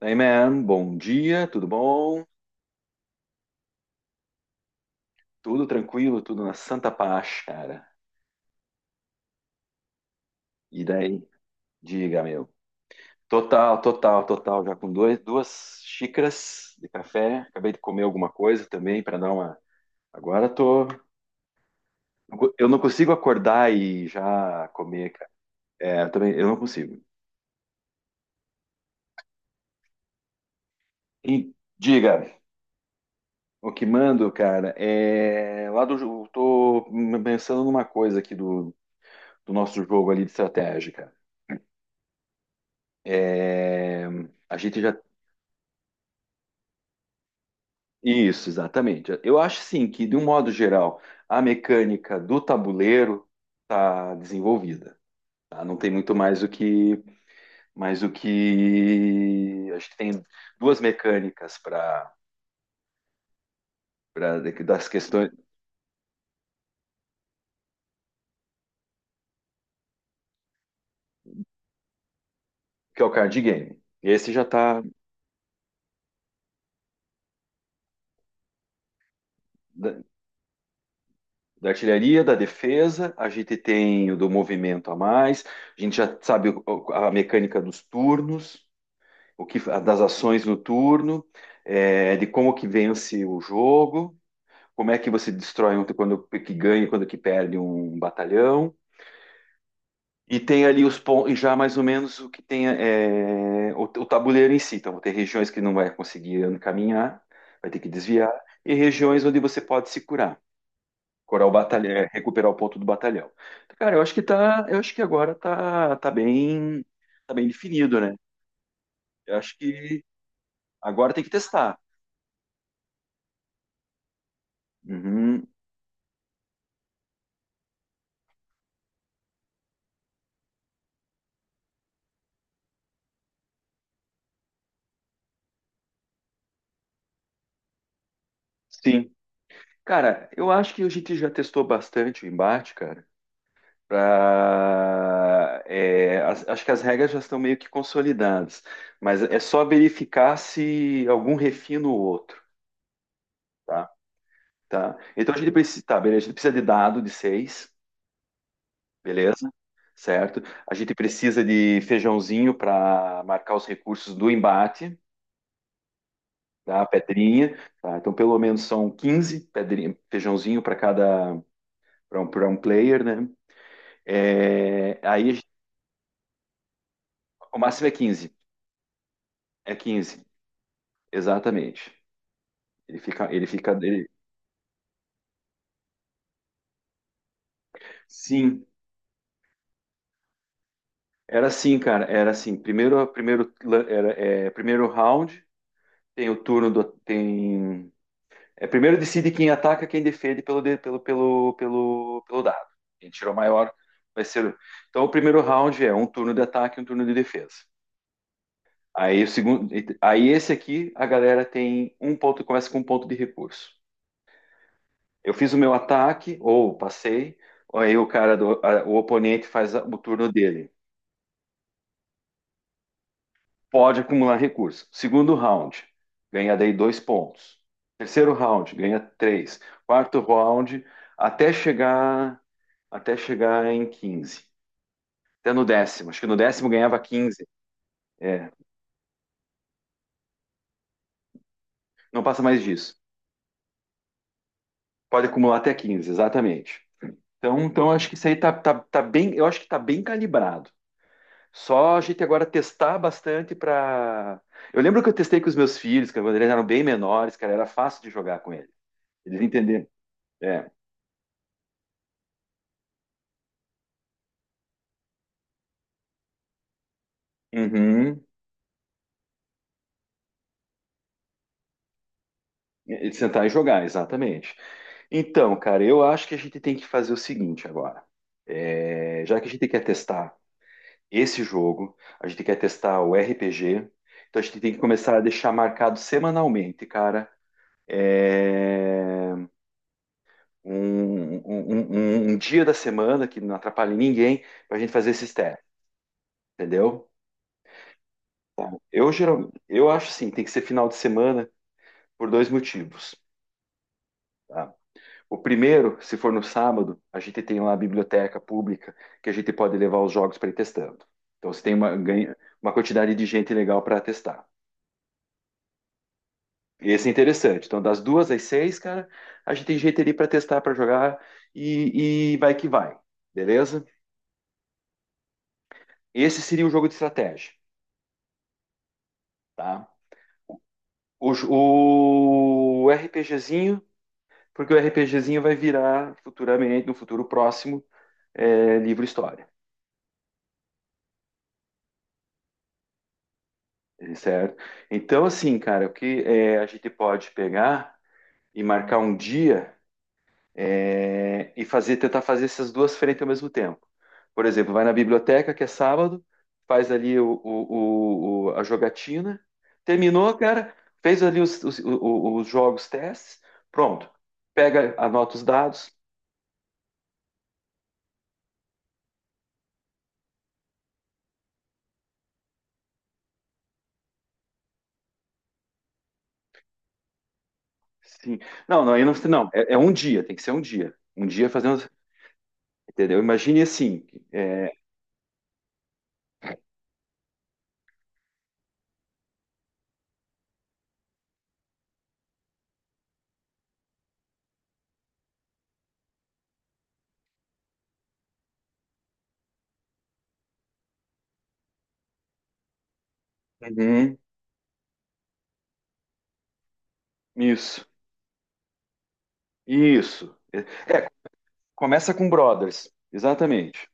Daí, man, bom dia, tudo bom? Tudo tranquilo, tudo na santa paz, cara. E daí? Diga, meu. Total, total, total. Já com dois, duas xícaras de café. Acabei de comer alguma coisa também para dar uma. Agora tô. Eu não consigo acordar e já comer, cara. É, eu também, eu não consigo. E diga, o que mando, cara. Tô pensando numa coisa aqui do nosso jogo ali de estratégia, cara. É, a gente já. Isso, exatamente. Eu acho sim que, de um modo geral, a mecânica do tabuleiro está desenvolvida. Tá? Não tem muito mais o que, mais o que. Acho que tem duas mecânicas para das questões que é o card game. Esse já está. Da, da artilharia, da defesa. A gente tem o do movimento a mais. A gente já sabe a mecânica dos turnos, o que das ações no turno, de como que vence o jogo. Como é que você destrói um, quando que ganha, e quando que perde um batalhão. E tem ali os pontos, e já mais ou menos o que tem é o tabuleiro em si. Então, tem regiões que não vai conseguir caminhar, vai ter que desviar, e regiões onde você pode se curar, curar o batalhão, é, recuperar o ponto do batalhão. Então, cara, eu acho que tá, eu acho que agora tá bem, tá bem definido, né? Eu acho que agora tem que testar. Uhum, sim. Cara, eu acho que a gente já testou bastante o embate, cara. Pra, acho que as regras já estão meio que consolidadas, mas é só verificar se algum refina o outro, tá? Tá? Então a gente precisa, tá, beleza, a gente precisa de dado de seis, beleza? Certo? A gente precisa de feijãozinho para marcar os recursos do embate, tá? Pedrinha, tá? Então pelo menos são 15 pedrinha, feijãozinho para cada para um, pra um player, né? É, aí a gente. O máximo é 15. É 15, exatamente. Ele fica, ele fica, ele... Sim, era assim, cara, era assim. Primeiro, era, primeiro round, tem o turno do, tem, é primeiro decide quem ataca, quem defende pelo, de- pelo, pelo, pelo, pelo dado. Quem tirou maior vai ser. Então, o primeiro round é um turno de ataque, e um turno de defesa. Aí o segundo, aí esse aqui, a galera tem um ponto, começa com um ponto de recurso. Eu fiz o meu ataque ou passei, aí o cara do, o oponente faz o turno dele. Pode acumular recurso. Segundo round, ganha daí dois pontos. Terceiro round, ganha três. Quarto round, até chegar até chegar em 15. Até no 10º. Acho que no 10º ganhava 15. É, não passa mais disso. Pode acumular até 15, exatamente. Então, acho que isso aí tá, tá, bem, eu acho que tá bem calibrado. Só a gente agora testar bastante para. Eu lembro que eu testei com os meus filhos, que quando eles eram bem menores, cara, era fácil de jogar com eles. Eles entenderam. É. Uhum. E sentar e jogar, exatamente. Então, cara, eu acho que a gente tem que fazer o seguinte agora. É, já que a gente quer testar esse jogo, a gente quer testar o RPG, então a gente tem que começar a deixar marcado semanalmente, cara. É, um dia da semana que não atrapalhe ninguém pra gente fazer esses testes, entendeu? Eu geralmente, eu acho assim, tem que ser final de semana por dois motivos. Tá? O primeiro, se for no sábado, a gente tem lá a biblioteca pública que a gente pode levar os jogos para ir testando. Então você tem uma, ganha, uma quantidade de gente legal para testar. Esse é interessante. Então, das duas às seis, cara, a gente tem gente ali para testar, para jogar e, vai que vai, beleza? Esse seria o jogo de estratégia, tá? O RPGzinho, porque o RPGzinho vai virar futuramente, no futuro próximo, livro história. Certo? Então, assim, cara, o que é, a gente pode pegar e marcar um dia, e fazer, tentar fazer essas duas frentes ao mesmo tempo. Por exemplo, vai na biblioteca, que é sábado, faz ali a jogatina, terminou, cara, fez ali os jogos, testes, pronto. Pega, anota os dados. Sim. Não, não, aí não, não, é um dia, tem que ser um dia. Um dia fazendo, entendeu? Imagine assim. é, uhum, isso, isso. Começa com Brothers, exatamente.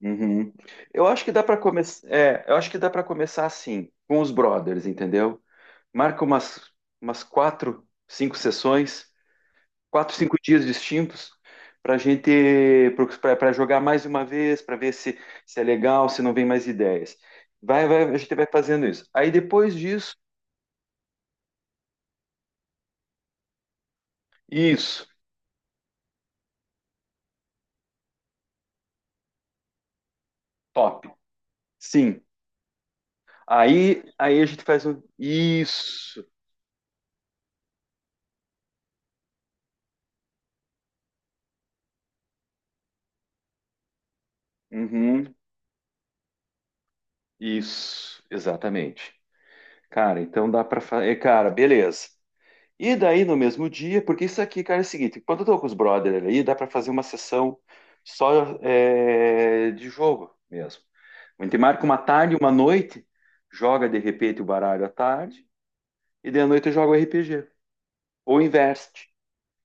Uhum. Eu acho que dá para começar, eu acho que dá para começar assim, com os Brothers, entendeu? Marca umas quatro, cinco sessões, quatro, cinco dias distintos para gente para jogar mais uma vez, para ver se é legal, se não vem mais ideias. Vai, vai, a gente vai fazendo isso. Aí depois disso, isso, top. Sim. Aí a gente faz um isso. Uhum. Isso, exatamente. Cara, então dá pra fazer. Cara, beleza. E daí no mesmo dia, porque isso aqui, cara, é o seguinte: quando eu tô com os brothers aí, dá pra fazer uma sessão só, de jogo mesmo. A gente marca uma tarde, uma noite, joga de repente o baralho à tarde, e de noite eu jogo RPG. Ou inverte,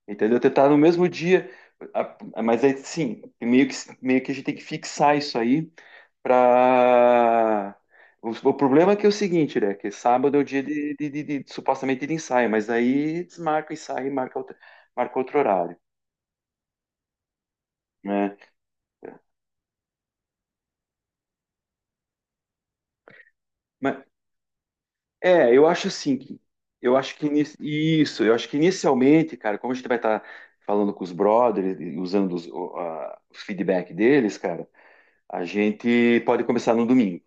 entendeu? Tentar no mesmo dia. Mas aí sim, meio que a gente tem que fixar isso aí. Pra... O problema é que é o seguinte, né? Que sábado é o dia de supostamente de ensaio, mas aí desmarca o ensaio e marca outro horário, né? Mas, eu acho assim que eu acho que isso, eu acho que inicialmente, cara, como a gente vai estar falando com os brothers, e usando o feedback deles, cara, a gente pode começar no domingo,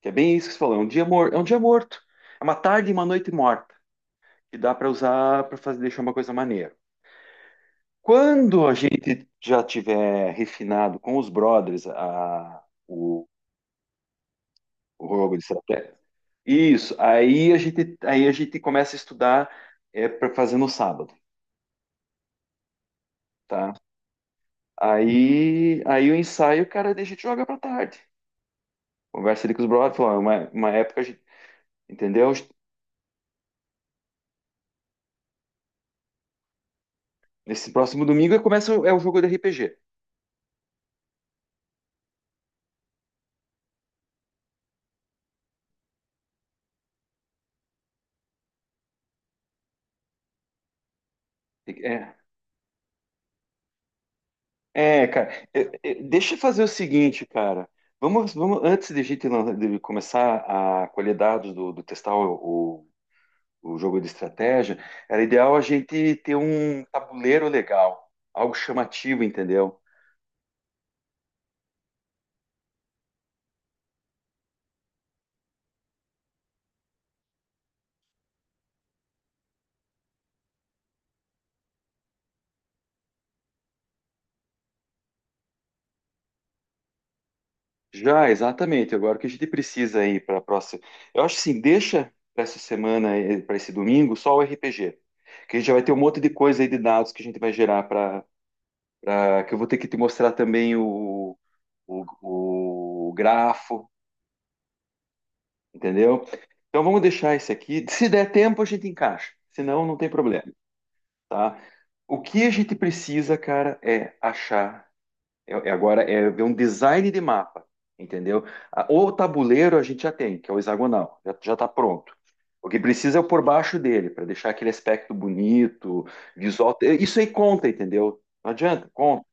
que é bem isso que você falou, é um dia morto, é um dia morto, é uma tarde e uma noite morta, que dá para usar para fazer deixar uma coisa maneira. Quando a gente já tiver refinado com os brothers o jogo de estratégia, isso, aí a gente começa a estudar, para fazer no sábado, tá? Aí o ensaio, cara, a gente joga para tarde. Conversa ali com os brothers, fala, "Ó, uma época, a gente, entendeu? Nesse próximo domingo começa é o jogo de RPG. É, cara, deixa eu fazer o seguinte, cara. Vamos, vamos antes de a gente de começar a colher dados do testar o jogo de estratégia, era ideal a gente ter um tabuleiro legal, algo chamativo, entendeu? Já, exatamente. Agora, o que a gente precisa aí para a próxima? Eu acho assim, deixa para essa semana, para esse domingo, só o RPG. Que a gente já vai ter um monte de coisa aí de dados que a gente vai gerar para que eu vou ter que te mostrar também o grafo, entendeu? Então vamos deixar esse aqui. Se der tempo, a gente encaixa. Se não, não tem problema, tá? O que a gente precisa, cara, é achar. Agora é ver um design de mapa, entendeu? O tabuleiro a gente já tem, que é o hexagonal, já tá pronto. O que precisa é o por baixo dele, para deixar aquele aspecto bonito, visual. Isso aí conta, entendeu? Não adianta, conta.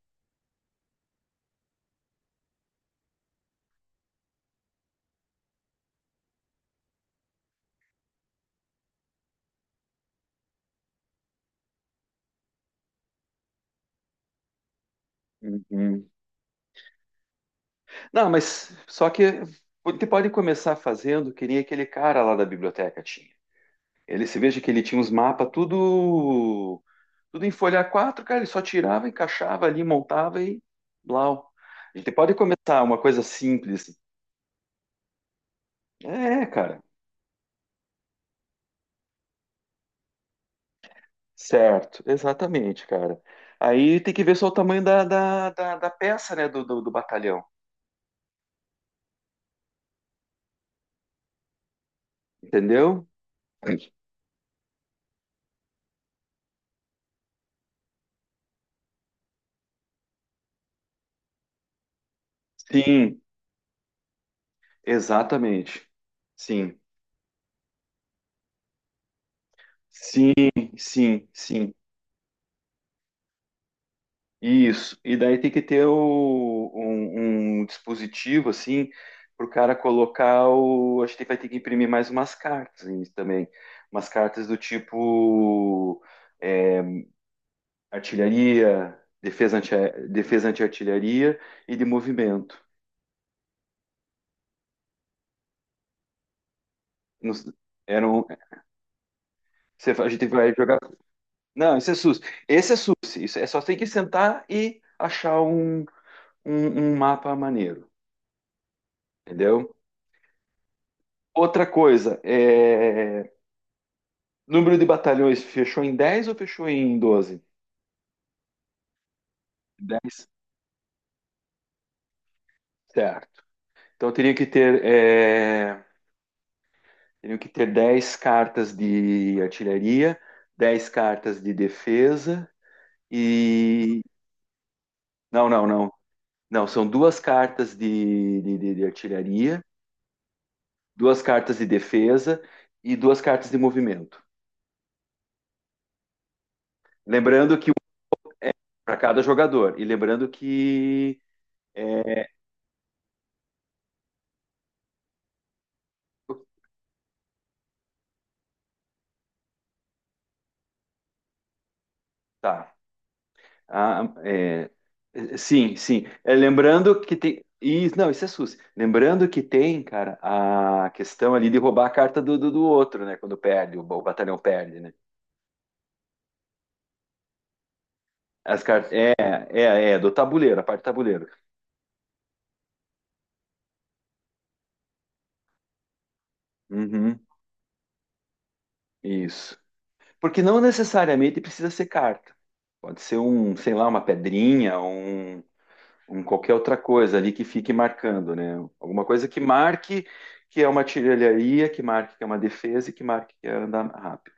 Uhum. Não, mas só que você pode começar fazendo, que nem aquele cara lá da biblioteca tinha. Ele, se veja que ele tinha uns mapas tudo, tudo em folha A4, cara, ele só tirava, encaixava ali, montava e blau. A gente pode começar uma coisa simples. É, cara, certo, exatamente, cara. Aí tem que ver só o tamanho da peça, né, do batalhão, entendeu? Sim, exatamente. Sim, sim, sim, sim. Isso, e daí tem que ter um dispositivo assim para o cara colocar o. A gente vai ter que imprimir mais umas cartas aí também. Umas cartas do tipo é, artilharia, defesa anti-artilharia e de movimento. Nos- Eram, a gente vai jogar. Não, esse é SUS. Esse é SUS. Isso é só tem que sentar e achar um, um mapa maneiro, entendeu? Outra coisa. Número de batalhões fechou em 10 ou fechou em 12? 10. Certo. Então eu teria que ter, teriam que ter 10 cartas de artilharia, 10 cartas de defesa e. Não, não, não. Não, são duas cartas de artilharia, duas cartas de defesa e duas cartas de movimento. Lembrando que para cada jogador. E lembrando que. é, Tá. Ah, é, sim, sim. É, lembrando que tem. E, não, isso é SUS. Lembrando que tem, cara, a questão ali de roubar a carta do outro, né? Quando perde, o batalhão perde, né? As cartas. É, do tabuleiro, a parte do tabuleiro. Uhum, isso. Porque não necessariamente precisa ser carta. Pode ser um, sei lá, uma pedrinha, um qualquer outra coisa ali que fique marcando, né? Alguma coisa que marque que é uma artilharia, que marque que é uma defesa e que marque que é andar rápido.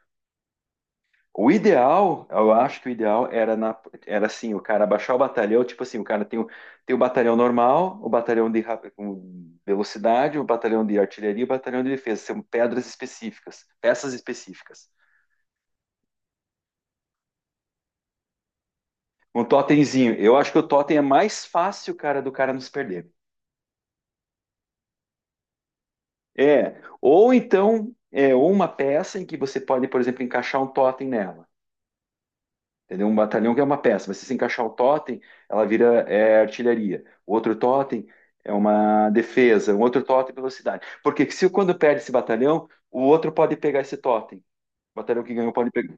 O ideal, eu acho que o ideal era, na, era assim, o cara baixar o batalhão, tipo assim, o cara tem o, batalhão normal, o batalhão de com velocidade, o batalhão de artilharia, e o batalhão de defesa, são pedras específicas, peças específicas. Um totemzinho, eu acho que o totem é mais fácil, cara, do cara nos perder. É, ou então, ou uma peça em que você pode, por exemplo, encaixar um totem nela. Entendeu? Um batalhão que é uma peça. Mas se você encaixar o totem, ela vira, artilharia. O outro totem é uma defesa. O outro totem é velocidade. Porque se quando perde esse batalhão, o outro pode pegar esse totem. O batalhão que ganhou pode pegar.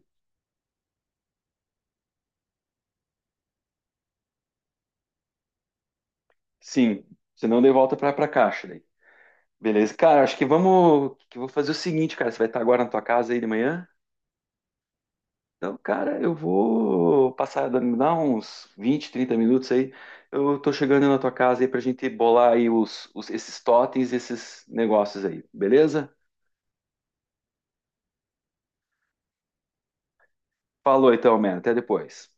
Sim. Senão daí volta pra caixa daí. Beleza. Cara, acho que vamos. Que eu vou fazer o seguinte, cara. Você vai estar agora na tua casa aí de manhã? Então, cara, eu vou passar, dá uns 20, 30 minutos aí. Eu tô chegando na tua casa aí pra gente bolar aí os, esses totens, esses negócios aí, beleza? Falou então, mano. Até depois.